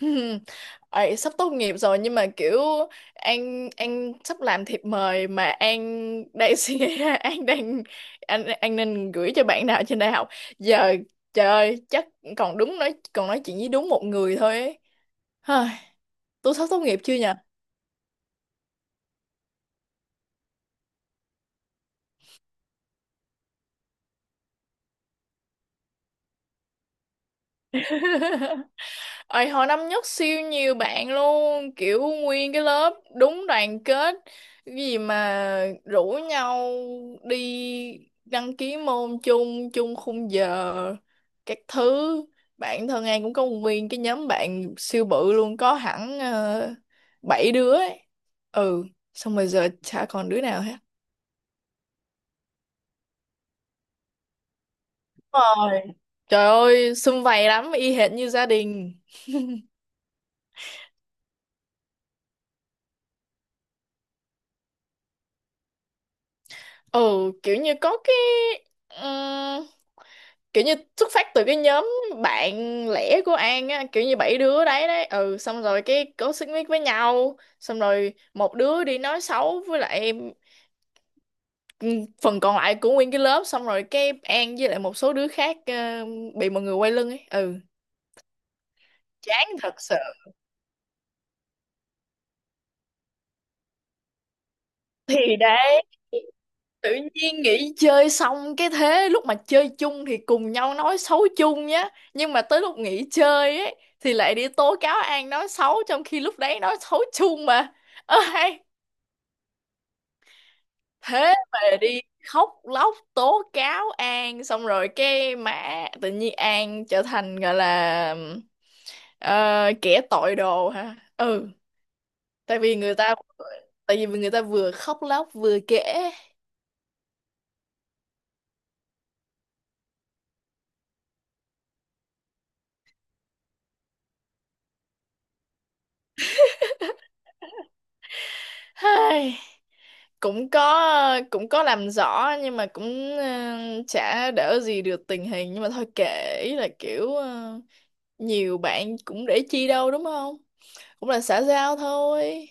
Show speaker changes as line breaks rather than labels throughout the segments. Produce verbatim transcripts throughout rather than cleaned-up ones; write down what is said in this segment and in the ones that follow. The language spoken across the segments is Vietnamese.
hmm, Ấy, sắp tốt nghiệp rồi nhưng mà kiểu An An sắp làm thiệp mời mà An đang suy nghĩ ra An đang anh An nên gửi cho bạn nào trên đại học giờ. Trời ơi, chắc còn đúng nói còn nói chuyện với đúng một người thôi ấy. Hời, tôi sắp tốt nghiệp chưa nhỉ? Ôi, hồi năm nhất siêu nhiều bạn luôn, kiểu nguyên cái lớp đúng đoàn kết, cái gì mà rủ nhau đi đăng ký môn chung, chung khung giờ các thứ. Bạn thân An cũng có nguyên cái nhóm bạn siêu bự luôn, có hẳn ờ, bảy đứa ấy. Ừ, xong rồi giờ chả còn đứa nào hết. Rồi. Trời ơi, sum vầy lắm, y hệt như gia đình. Ừ, kiểu như có cái, kiểu như xuất phát từ cái nhóm bạn lẻ của An á, kiểu như bảy đứa đấy đấy. Ừ, xong rồi cái có xích mích với nhau, xong rồi một đứa đi nói xấu với lại, ừ, phần còn lại của nguyên cái lớp, xong rồi cái An với lại một số đứa khác ờ, bị mọi người quay lưng ấy. Ừ, chán thật sự. Thì đấy, tự nhiên nghỉ chơi, xong cái thế lúc mà chơi chung thì cùng nhau nói xấu chung nhá, nhưng mà tới lúc nghỉ chơi ấy thì lại đi tố cáo An nói xấu, trong khi lúc đấy nói xấu chung mà. Ơ hay, thế mà đi khóc lóc tố cáo An, xong rồi cái mã tự nhiên An trở thành gọi là ờ, kẻ tội đồ hả. Ừ, tại vì người ta tại vì người ta vừa khóc lóc vừa kể. Hay, cũng có cũng có làm rõ nhưng mà cũng ờ, chả đỡ gì được tình hình, nhưng mà thôi kệ, ý là kiểu ờ, nhiều bạn cũng để chi đâu, đúng không? Cũng là xã giao thôi.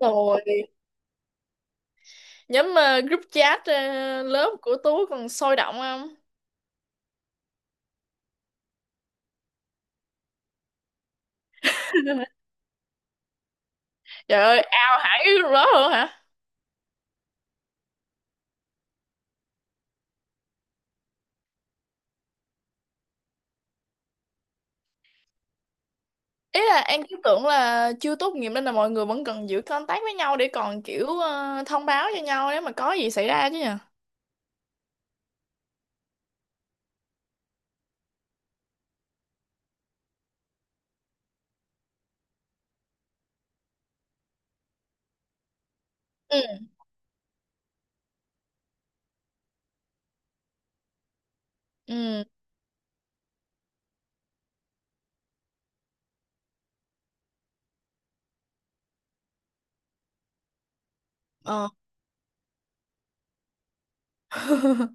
Rồi, nhóm ờ, group chat ờ, lớp của Tú còn sôi động không? Trời ơi, ao hẳn cái group đó luôn hả? Ý là An cứ tưởng là chưa tốt nghiệp nên là mọi người vẫn cần giữ contact với nhau để còn kiểu ờ, thông báo cho nhau nếu mà có gì xảy ra chứ nhỉ. Ừ, ừ, ờ.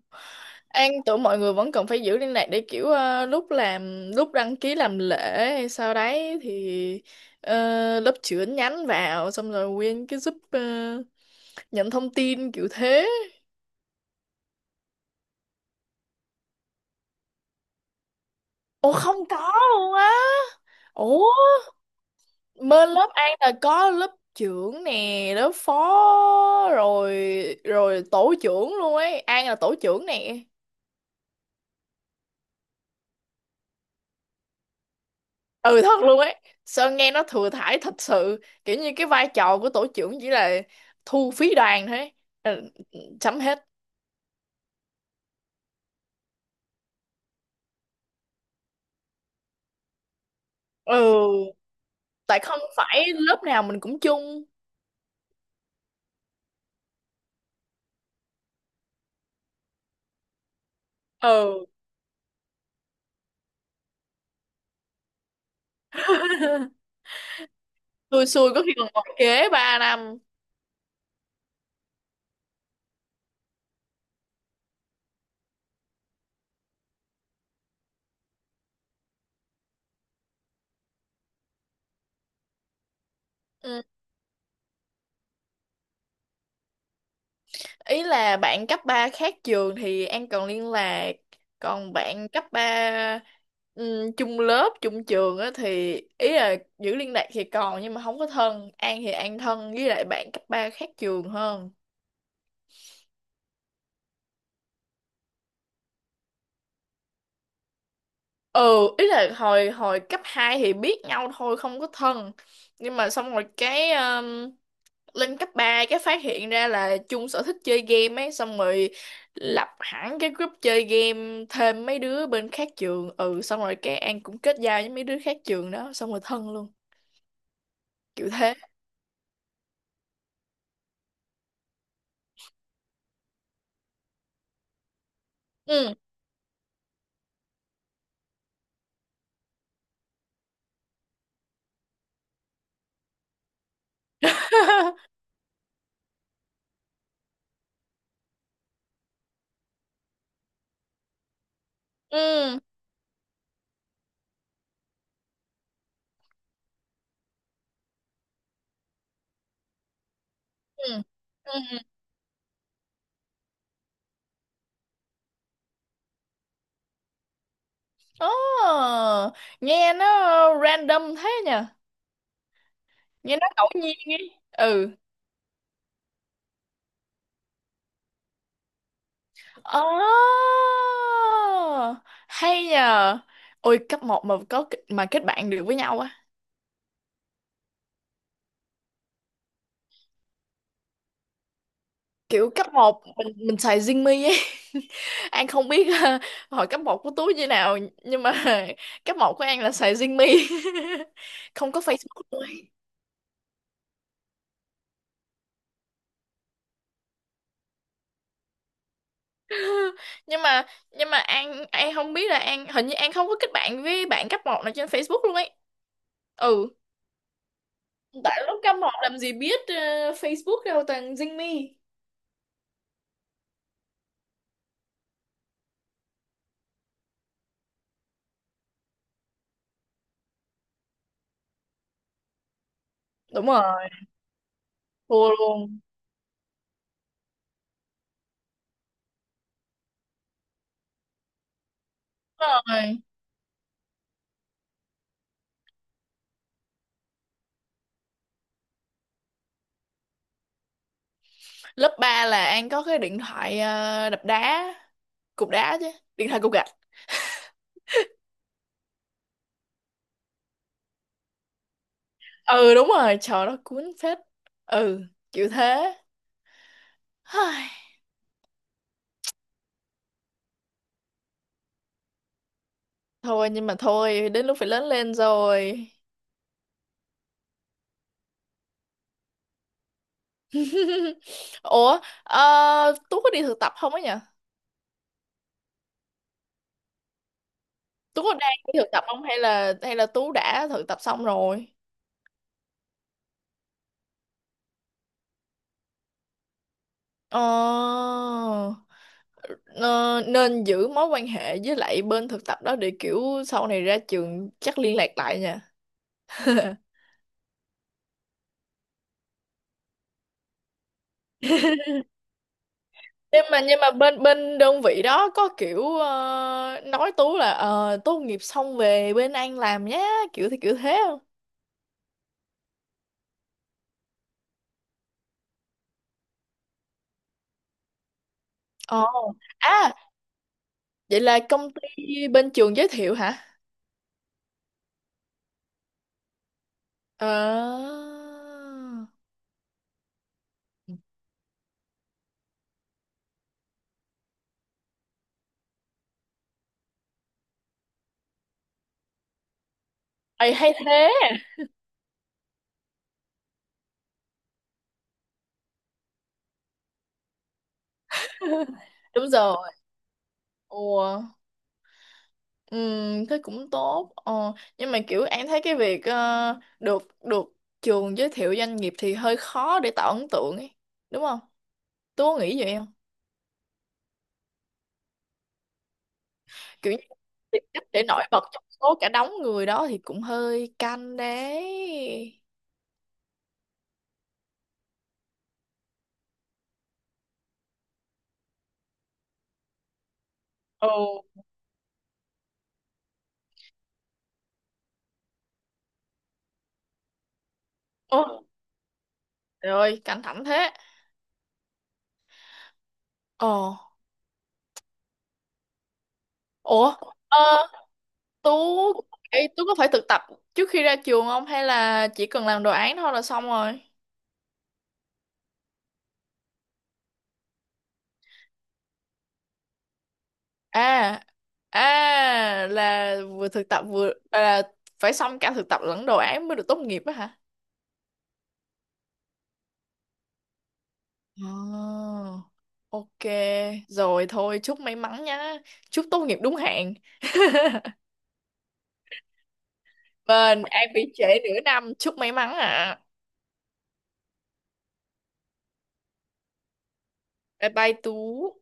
An tưởng mọi người vẫn cần phải giữ liên lạc để kiểu ờ, lúc làm lúc đăng ký làm lễ, hay sau đấy thì ờ, lớp trưởng nhắn vào, xong rồi nguyên cái giúp ờ, nhận thông tin kiểu thế. Ủa, không có luôn á? Ủa, bên lớp An là có lớp trưởng nè, lớp phó rồi, rồi tổ trưởng luôn ấy. An là tổ trưởng nè. Ừ, thật luôn ấy. Sơn nghe nó thừa thãi thật sự, kiểu như cái vai trò của tổ trưởng chỉ là thu phí đoàn thôi ấy. Ừ, chấm hết. Ừ, tại không phải lớp nào mình cũng chung. Ừ. Xui xui có khi còn ngồi kế ba năm. Ừ. Ý là bạn cấp ba khác trường thì An còn liên lạc, còn bạn cấp ba, ừ, chung lớp chung trường á thì ý là giữ liên lạc thì còn, nhưng mà không có thân. An thì An thân với lại bạn cấp ba khác trường hơn. Ừ, ý là hồi hồi cấp hai thì biết nhau thôi, không có thân, nhưng mà xong rồi cái um, lên cấp ba cái phát hiện ra là chung sở thích chơi game ấy, xong rồi lập hẳn cái group chơi game thêm mấy đứa bên khác trường. Ừ, xong rồi cái An cũng kết giao với mấy đứa khác trường đó, xong rồi thân luôn, kiểu thế. Ừ. Ừ, ừ, ừ. Ồ, nghe nó random thế nhỉ. Nghe nó ngẫu nhiên ấy. Ừ. Oh, hay nhờ. Ôi, cấp một mà có mà kết bạn được với nhau á? Kiểu cấp một mình mình xài Zing ấy. An không biết ờ, hồi cấp một của Tú như nào, nhưng mà cấp một của An là xài Zing. Không có Facebook luôn ấy. Nhưng mà nhưng mà An An không biết là An, hình như An không có kết bạn với bạn cấp một nào trên Facebook luôn ấy. Ừ, tại lúc cấp một làm gì biết ờ, Facebook đâu, toàn Zing Me. Đúng rồi, thua luôn. Rồi, lớp ba là An có cái điện thoại ờ, đập đá, cục đá chứ, điện thoại cục gạch. Ừ, đúng rồi, trời nó cuốn phết. Ừ, chịu thế. Hây, thôi, nhưng mà thôi, đến lúc phải lớn lên rồi. Ủa, ờ, Tú có đi thực tập không ấy nhỉ? Tú có đang đi thực tập không, hay là hay là Tú đã thực tập xong rồi? Ờ, ờ, nên giữ mối quan hệ với lại bên thực tập đó để kiểu sau này ra trường chắc liên lạc lại nha. Nhưng mà nhưng mà bên bên đơn vị đó có kiểu ờ, nói Tú là ờ, tốt nghiệp xong về bên Anh làm nhé, kiểu thì kiểu thế không? Ồ, à, vậy là công ty bên trường giới thiệu hả? Ờ. Ê, hay thế. Đúng rồi. Ủa, ừm, thế cũng tốt. Ờ, nhưng mà kiểu An thấy cái việc ờ, được được trường giới thiệu doanh nghiệp thì hơi khó để tạo ấn tượng ấy, đúng không? Tú có nghĩ vậy không? Kiểu như tìm cách để nổi bật trong số cả đống người đó thì cũng hơi căng đấy. Ồ, ồ. Rồi, căng thẳng thế. Ồ. Ủa, ờ, Tú. Ê, Tú có phải thực tập trước khi ra trường không, hay là chỉ cần làm đồ án thôi là xong rồi? À, à là vừa thực tập vừa à, là phải xong cả thực tập lẫn đồ án mới được tốt nghiệp á hả? Ờ, ok. Rồi thôi, chúc may mắn nhá, chúc tốt nghiệp đúng hạn. Vâng, em bị trễ nửa năm, chúc may mắn ạ. Bye bye Tú.